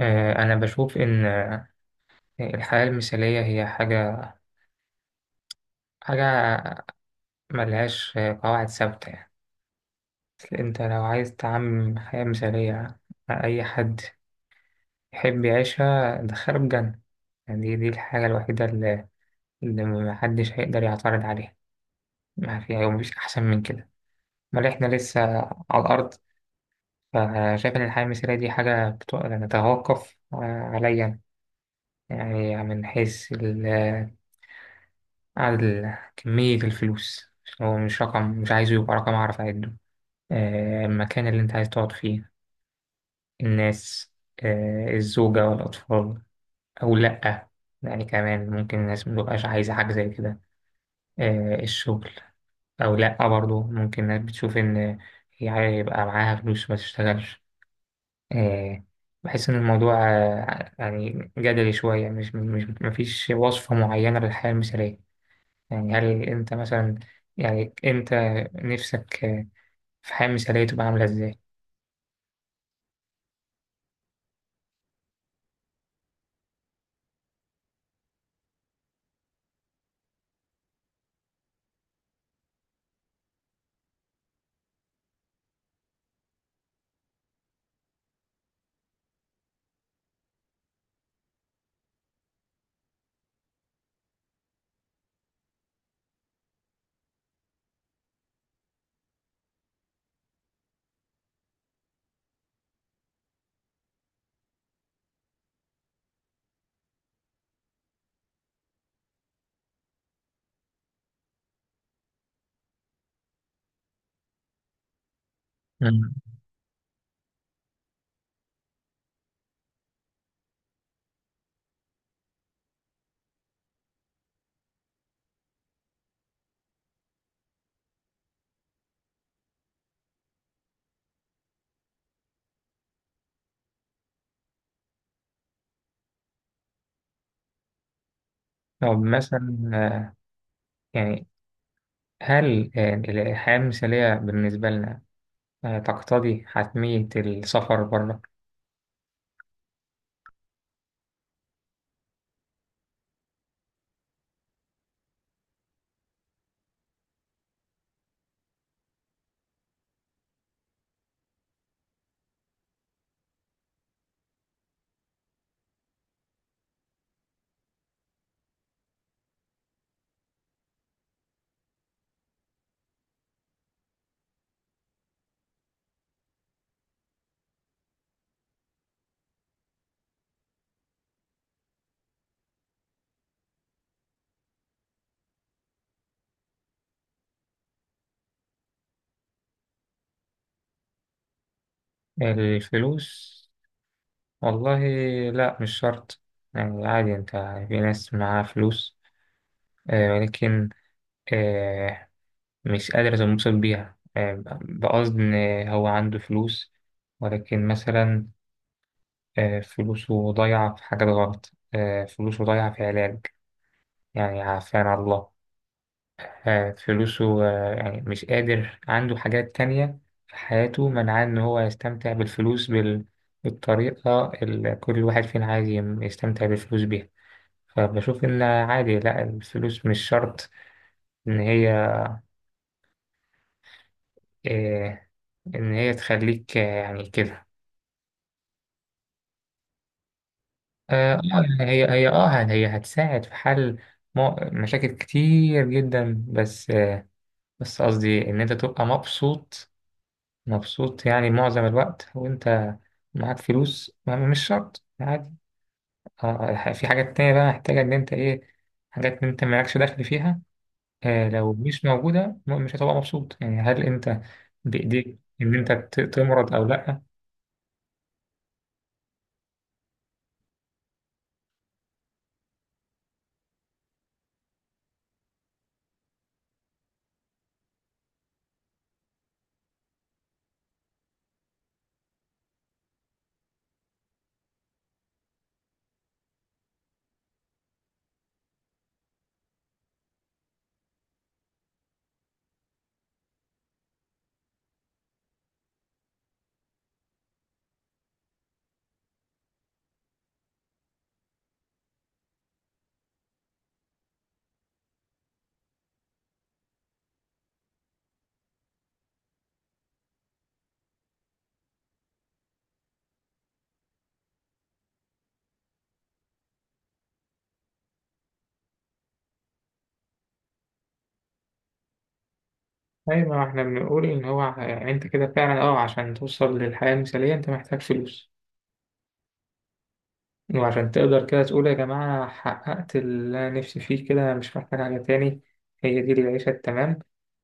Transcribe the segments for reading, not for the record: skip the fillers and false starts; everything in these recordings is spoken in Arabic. أنا بشوف إن الحياة المثالية هي حاجة ملهاش قواعد ثابتة يعني أصل أنت لو عايز تعمم حياة مثالية أي حد يحب يعيشها دخله الجنة. يعني دي الحاجة الوحيدة اللي محدش هيقدر يعترض عليها ما فيها، ومفيش أحسن من كده، بل إحنا لسه على الأرض. فشايف إن الحياة المثالية دي حاجة نتوقف عليا، يعني من حيث التفكير، عدد كمية الفلوس، هو مش رقم، مش عايزه يبقى رقم أعرف أعده، المكان اللي أنت عايز تقعد فيه، الناس، الزوجة والأطفال أو لأ. يعني كمان ممكن الناس متبقاش عايزة حاجة زي كده، الشغل أو لأ، برضه ممكن الناس بتشوف إن هي عايزة يبقى معاها فلوس ما تشتغلش. آه، بحس إن الموضوع يعني جدلي شوية، مش مش مفيش وصفة معينة للحياة المثالية. يعني هل أنت مثلا، يعني أنت نفسك في حياة مثالية تبقى عاملة إزاي؟ مم. طب مثلا يعني هل الحياة المثالية بالنسبة لنا تقتضي حتمية السفر بره؟ الفلوس؟ والله لا، مش شرط. يعني عادي أنت في ناس معاها فلوس ولكن آه، مش قادرة تنبسط بيها. بقصد إن هو عنده فلوس ولكن مثلا فلوسه ضايعة في حاجات غلط، فلوسه ضايعة في علاج، يعني عافانا الله. فلوسه يعني مش قادر، عنده حاجات تانية في حياته منعاه إن هو يستمتع بالفلوس بالطريقة اللي كل واحد فينا عايز يستمتع بالفلوس بيها. فبشوف إن عادي، لأ، الفلوس مش شرط إن هي آه، إن هي تخليك يعني كده. آه آه، يعني هي آه، هي هتساعد في حل مشاكل كتير جدا، بس بس قصدي إن أنت تبقى مبسوط، مبسوط يعني معظم الوقت، وأنت معاك فلوس مش شرط، عادي، في حاجات تانية بقى محتاجة إن أنت إيه، حاجات أنت مالكش دخل فيها، لو مش موجودة مش هتبقى مبسوط. يعني هل أنت بإيديك إن أنت تمرض أو لأ؟ أيوة، ما إحنا بنقول إن أنت كده فعلا، أه، عشان توصل للحياة المثالية أنت محتاج فلوس، وعشان تقدر كده تقول يا جماعة أنا حققت اللي أنا نفسي فيه كده، أنا مش محتاج حاجة تاني، هي دي العيشة التمام،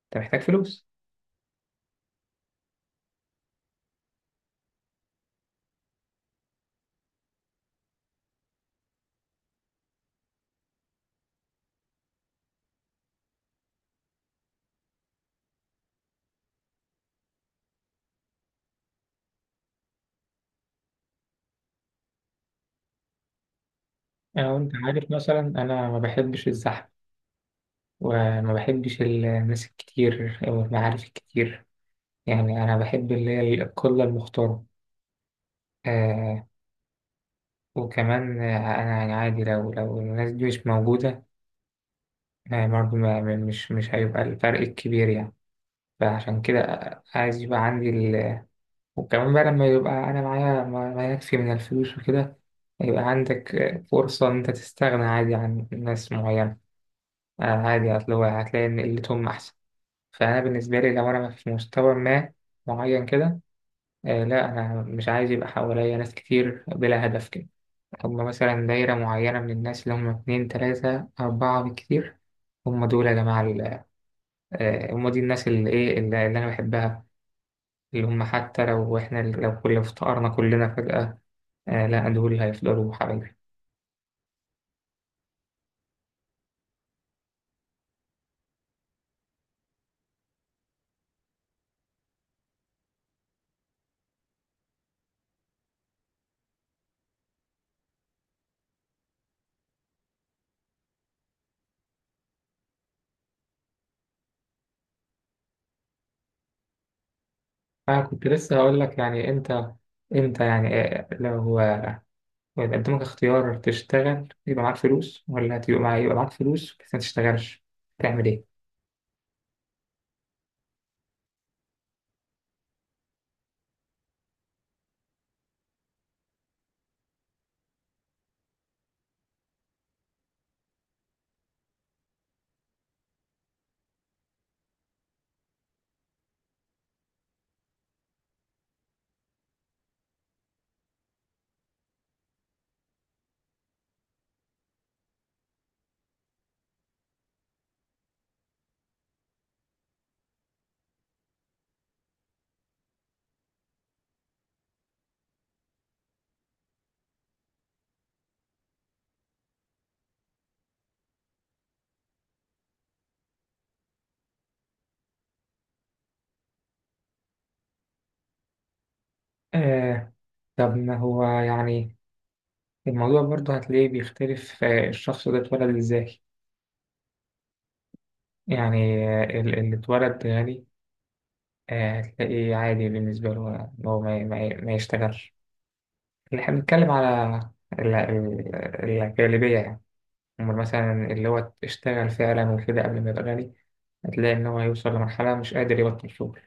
أنت محتاج فلوس. أو أنت عارف، مثلا أنا ما بحبش الزحمة وما بحبش الناس الكتير أو المعارف الكتير، يعني أنا بحب اللي هي القلة المختارة. آه، وكمان آه، أنا يعني عادي لو الناس دي مش موجودة آه برضه مش هيبقى الفرق الكبير يعني. فعشان كده عايز يبقى عندي، وكمان بقى لما يبقى أنا معايا ما يكفي من الفلوس وكده، يبقى عندك فرصة إن أنت تستغنى عادي عن ناس معينة. عادي، أصل هو هتلاقي إن قلتهم أحسن. فأنا بالنسبة لي لو أنا في مستوى ما معين كده، لا أنا مش عايز يبقى حواليا ناس كتير بلا هدف كده. هما مثلا دايرة معينة من الناس اللي هما اتنين تلاتة أربعة بالكتير، هم دول يا جماعة هم دي الناس اللي إيه اللي أنا بحبها، اللي هم حتى لو إحنا لو كل افتقرنا كلنا فجأة، آه لا، دول هيفضلوا حبايبي. فكنت لسه هقول لك يعني انت يعني لو لو قدامك اختيار تشتغل يبقى معاك فلوس، ولا تبقى معاك يبقى معاك فلوس بس ما تشتغلش، تعمل ايه؟ آه. طب ما هو يعني الموضوع برضه هتلاقيه بيختلف، آه، الشخص ده اتولد ازاي. يعني آه، اللي اتولد غني آه هتلاقيه عادي بالنسبة له ان هو ما يشتغلش. اللي احنا بنتكلم على ال- ال- الغالبية يعني. أمال مثلا اللي هو اشتغل فعلا وكده قبل ما يبقى غني، هتلاقي إن هو هيوصل لمرحلة مش قادر يبطل شغل.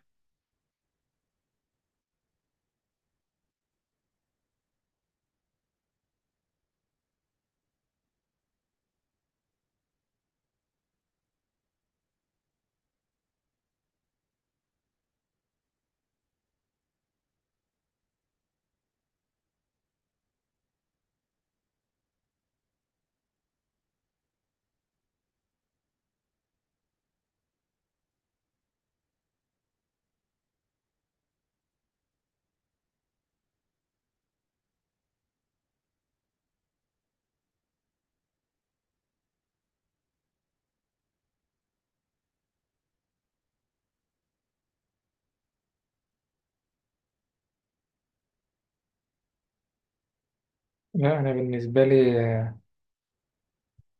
لا أنا بالنسبة لي آه،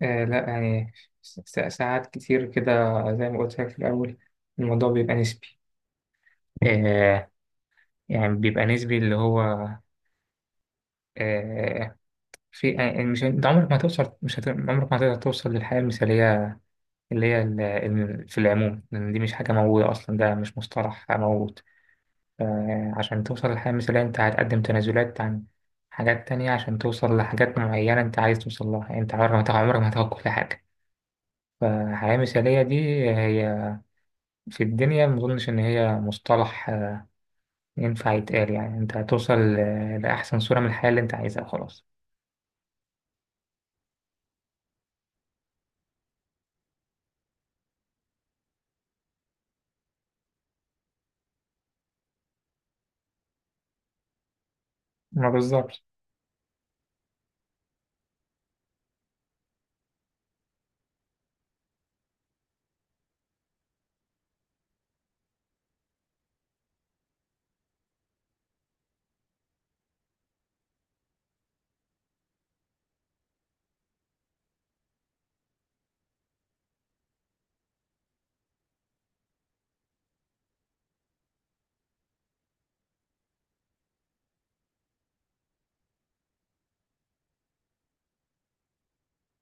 لا، يعني ساعات كتير كده، زي ما قلت لك في الأول، الموضوع بيبقى نسبي. آه يعني بيبقى نسبي، اللي هو آه في، يعني مش أنت عمرك ما هتوصل مش هت... عمرك ما هتقدر توصل للحياة المثالية، اللي هي في العموم، لأن دي مش حاجة موجودة أصلا، ده مش مصطلح موجود. عشان توصل للحياة المثالية أنت هتقدم تنازلات عن حاجات تانية عشان توصل لحاجات معينة أنت عايز توصل لها. يعني أنت عمرك ما هتاخد كل حاجة. فالحياة المثالية دي هي في الدنيا مظنش إن هي مصطلح ينفع يتقال، يعني أنت هتوصل لأحسن صورة من الحياة اللي أنت عايزها، خلاص. ما بالظبط.